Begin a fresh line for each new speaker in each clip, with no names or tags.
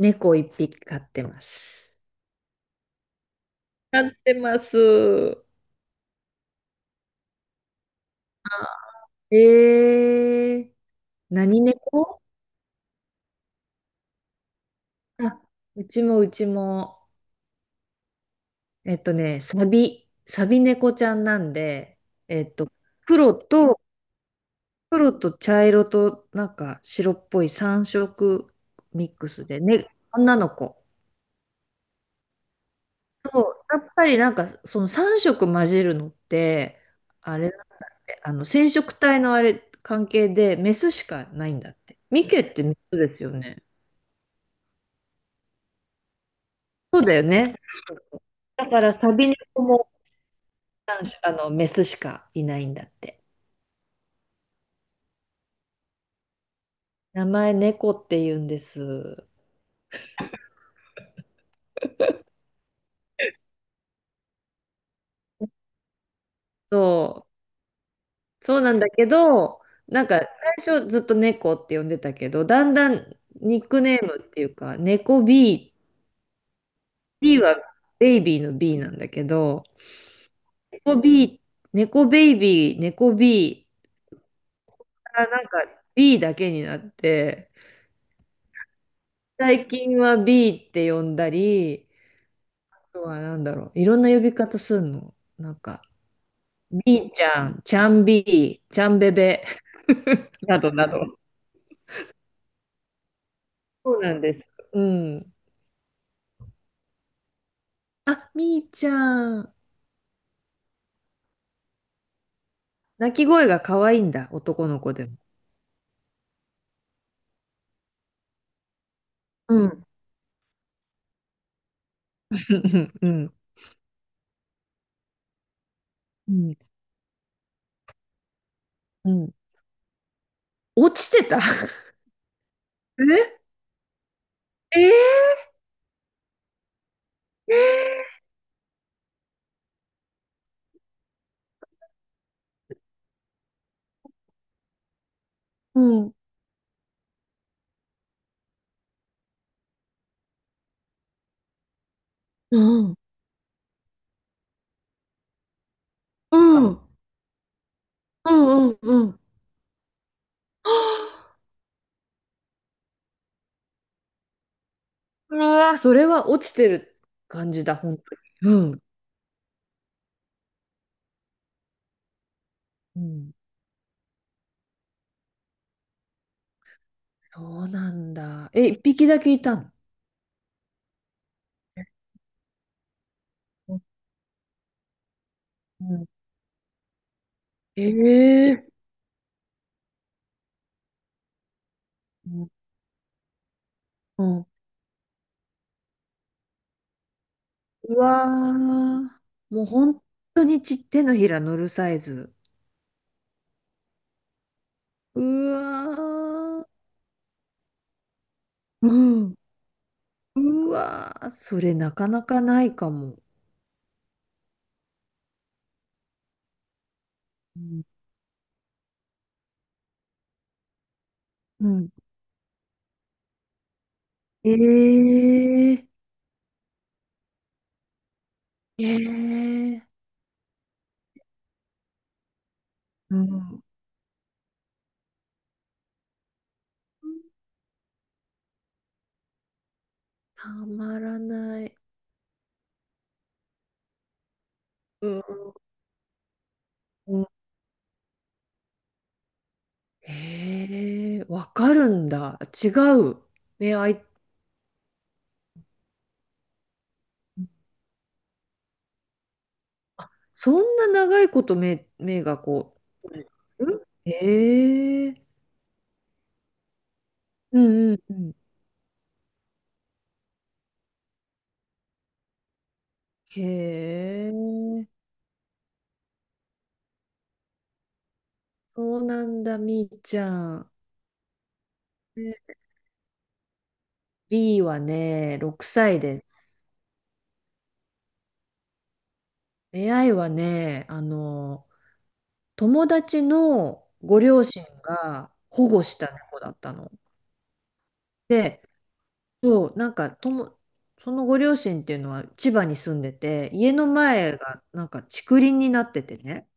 猫一匹飼ってます。飼ってます。えー、何猫？あ、うちも、サビ猫ちゃんなんで、黒と、黒と茶色となんか白っぽい3色ミックスで、ね、女の子。そうやっぱりなんかその3色混じるのって、あれだね、あの染色体のあれ関係でメスしかないんだって。ミケってメスですよね。そうだよね。だからサビ猫も、あの、メスしかいないんだって。名前猫って言うんです。そう。そうなんだけど、なんか最初ずっと猫って呼んでたけど、だんだんニックネームっていうか、猫 B、B はベイビーの B なんだけど、猫 B、猫ベイビー、猫 B からなんか B だけになって、最近は B って呼んだり、あとはなんだろう、いろんな呼び方するの。なんか、ビーちゃん、ちゃんビー、ちゃんべべ、などなど。そうなんです。うん。あ、みーちゃん。鳴き声が可愛いんだ、男の子でも。うん。うん。うん。うん。落ちてた？ ええー、うん。うん。うん。うんうんうん。うわ、それは落ちてる感じだ、本当に。うん。うん。そうなんだ。え、一匹だけいたの？うん。ええーうん。うわー、もう本当にち手のひら乗るサイズ。うわー、うん、うわー、それなかなかないかも。うんうんえー、えー、うん、たまらない。うん、うんへえー、わかるんだ。違う。目、あい、そんな長いこと目、目がこう。うんへえー、うんうんうんへえ。そうなんだ、みーちゃん。で、 B はね、6歳です。出会いはね、あの、友達のご両親が保護した猫だったの。で、そう、なんかとも、そのご両親っていうのは千葉に住んでて、家の前がなんか竹林になっててね。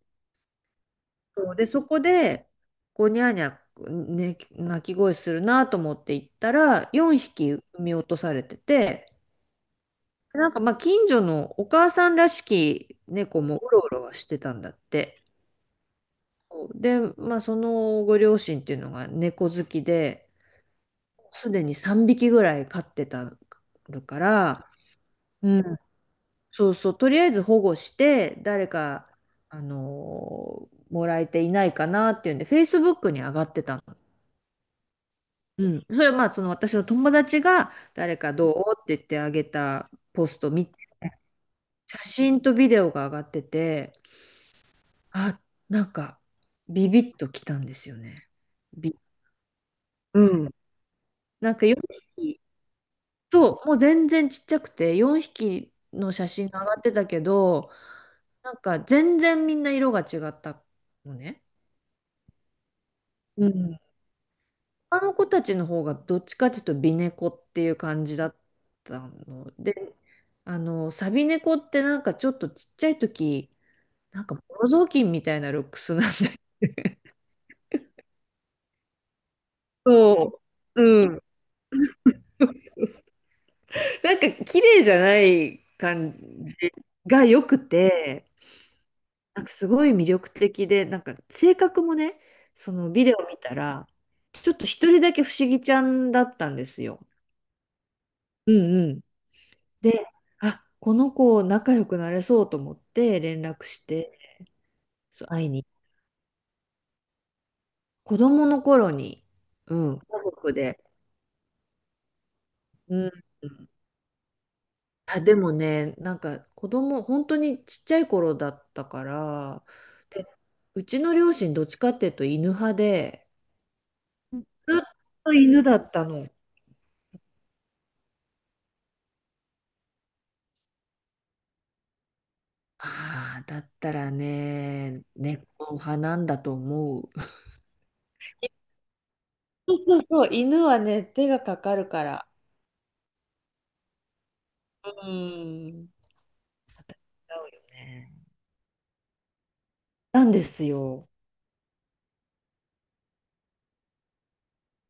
そうで、そこで、こう、ニャーニャー、ね、鳴き声するなと思って行ったら、4匹産み落とされてて、なんかまあ近所のお母さんらしき猫もうろうろはしてたんだって。で、まあそのご両親っていうのが猫好きで、すでに3匹ぐらい飼ってるから、うん、そうそう、とりあえず保護して、誰か、もらえていないかなっていうんで、Facebook に上がってたの。うん、それはまあその私の友達が誰かどうって言ってあげたポスト見て、写真とビデオが上がってて、あ、なんか、ビビッときたんですよね。び、うん。なんかよ、そう、もう全然ちっちゃくて、4匹の写真が上がってたけど、なんか全然みんな色が違ったのね。うん。他の子たちの方がどっちかというと美猫っていう感じだったので、あの、サビ猫ってなんかちょっとちっちゃい時、なんかボロ雑巾みたいなルックスなんだけど、そううん。そうそう、なんか綺麗じゃない感じが良くて、なんかすごい魅力的で、なんか性格もね、そのビデオ見たら、ちょっと一人だけ不思議ちゃんだったんですよ。うんうん。で、あ、この子仲良くなれそうと思って連絡して、そう、会いに。子供の頃に、うん、家族で、うん。あ、でもね、なんか子供、本当にちっちゃい頃だったから、で、うちの両親どっちかっていうと犬派で、ずっと犬だったの。ああ、だったらね、猫派なんだと思う。そうそうそう、犬はね、手がかかるから。うん。違うよね。なんですよ。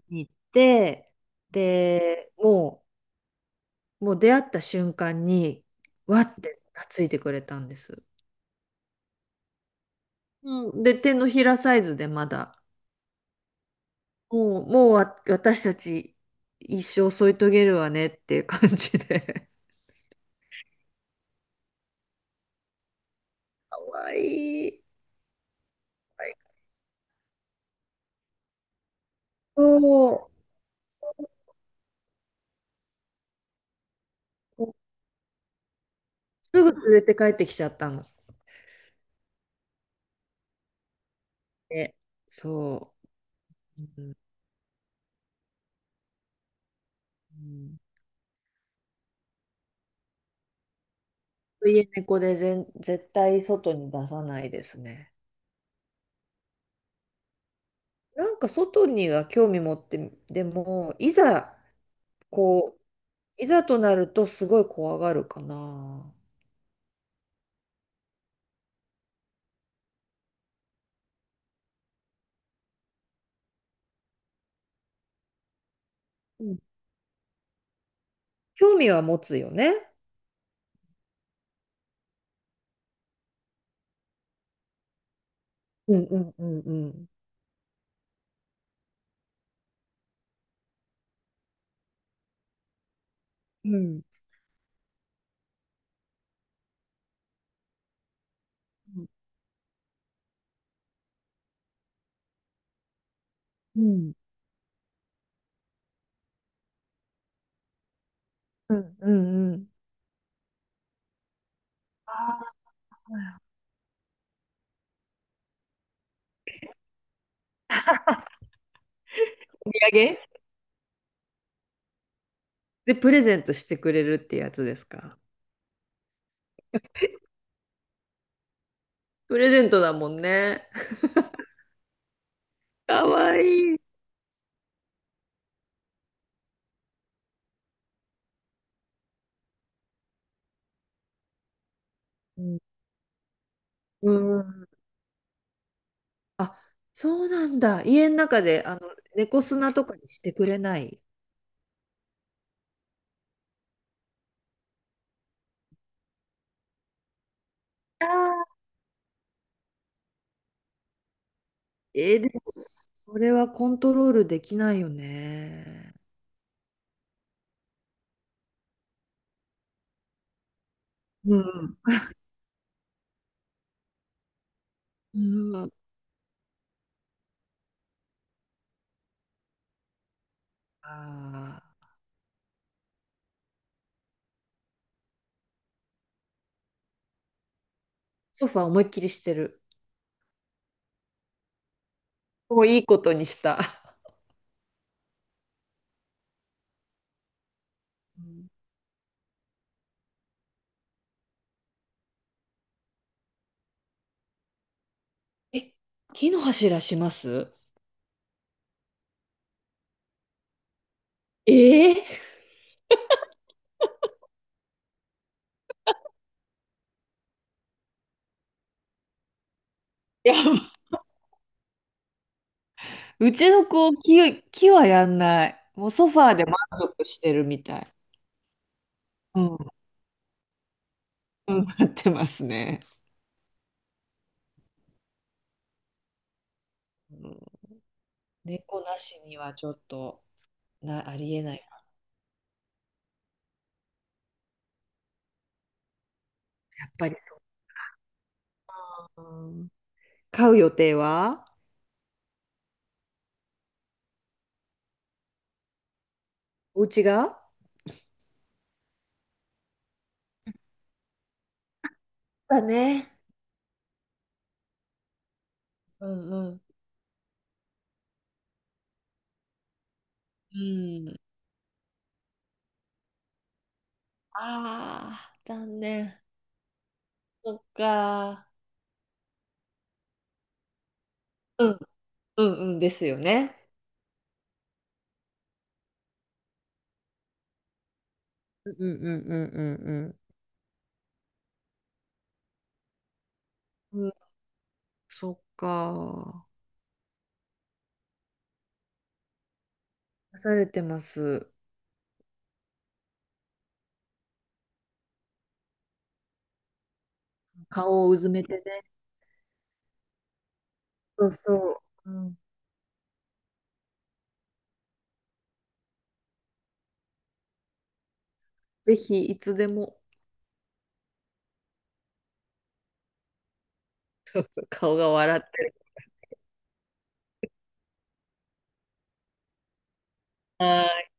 に行って、で、もう、もう出会った瞬間に、わって懐いてくれたんです。うん、で、手のひらサイズでまだ、もう、私たち一生添い遂げるわねっていう感じで。かわいい。そう。すぐ連れて帰ってきちゃったの。で、そう。うんうん。家猫で全絶対外に出さないですね。なんか外には興味持って、でも、いざ、こう、いざとなるとすごい怖がるかな。うん、興味は持つよね。うんうんうんうん。うん。うん。うんうんうん。ああ、お土産で、プレゼントしてくれるってやつですか？プレゼントだもんね。かわいい。うん。うん、あ、そうなんだ。家の中で、あの、猫砂とかにしてくれない？あーえーでも、それはコントロールできないよね。うん。うん。ああ、ソファー思いっきりしてる。もういいことにした。うん、え、木の柱します？ええ、やば、うちの子、木はやんない。もうソファーで満足してるみたい。うん、うん、なってますね。うん、猫なしにはちょっとありえない。やっぱりそう。うん、買う予定は？お家が？だね。うんうん。うん。ああ、残念。そっか。うんうんうんですよね。うんうんうんうんうん。うん、そっか。出されてます。顔をうずめてね。そうそう。うん、ぜひ、いつでも。顔が笑ってる。はい。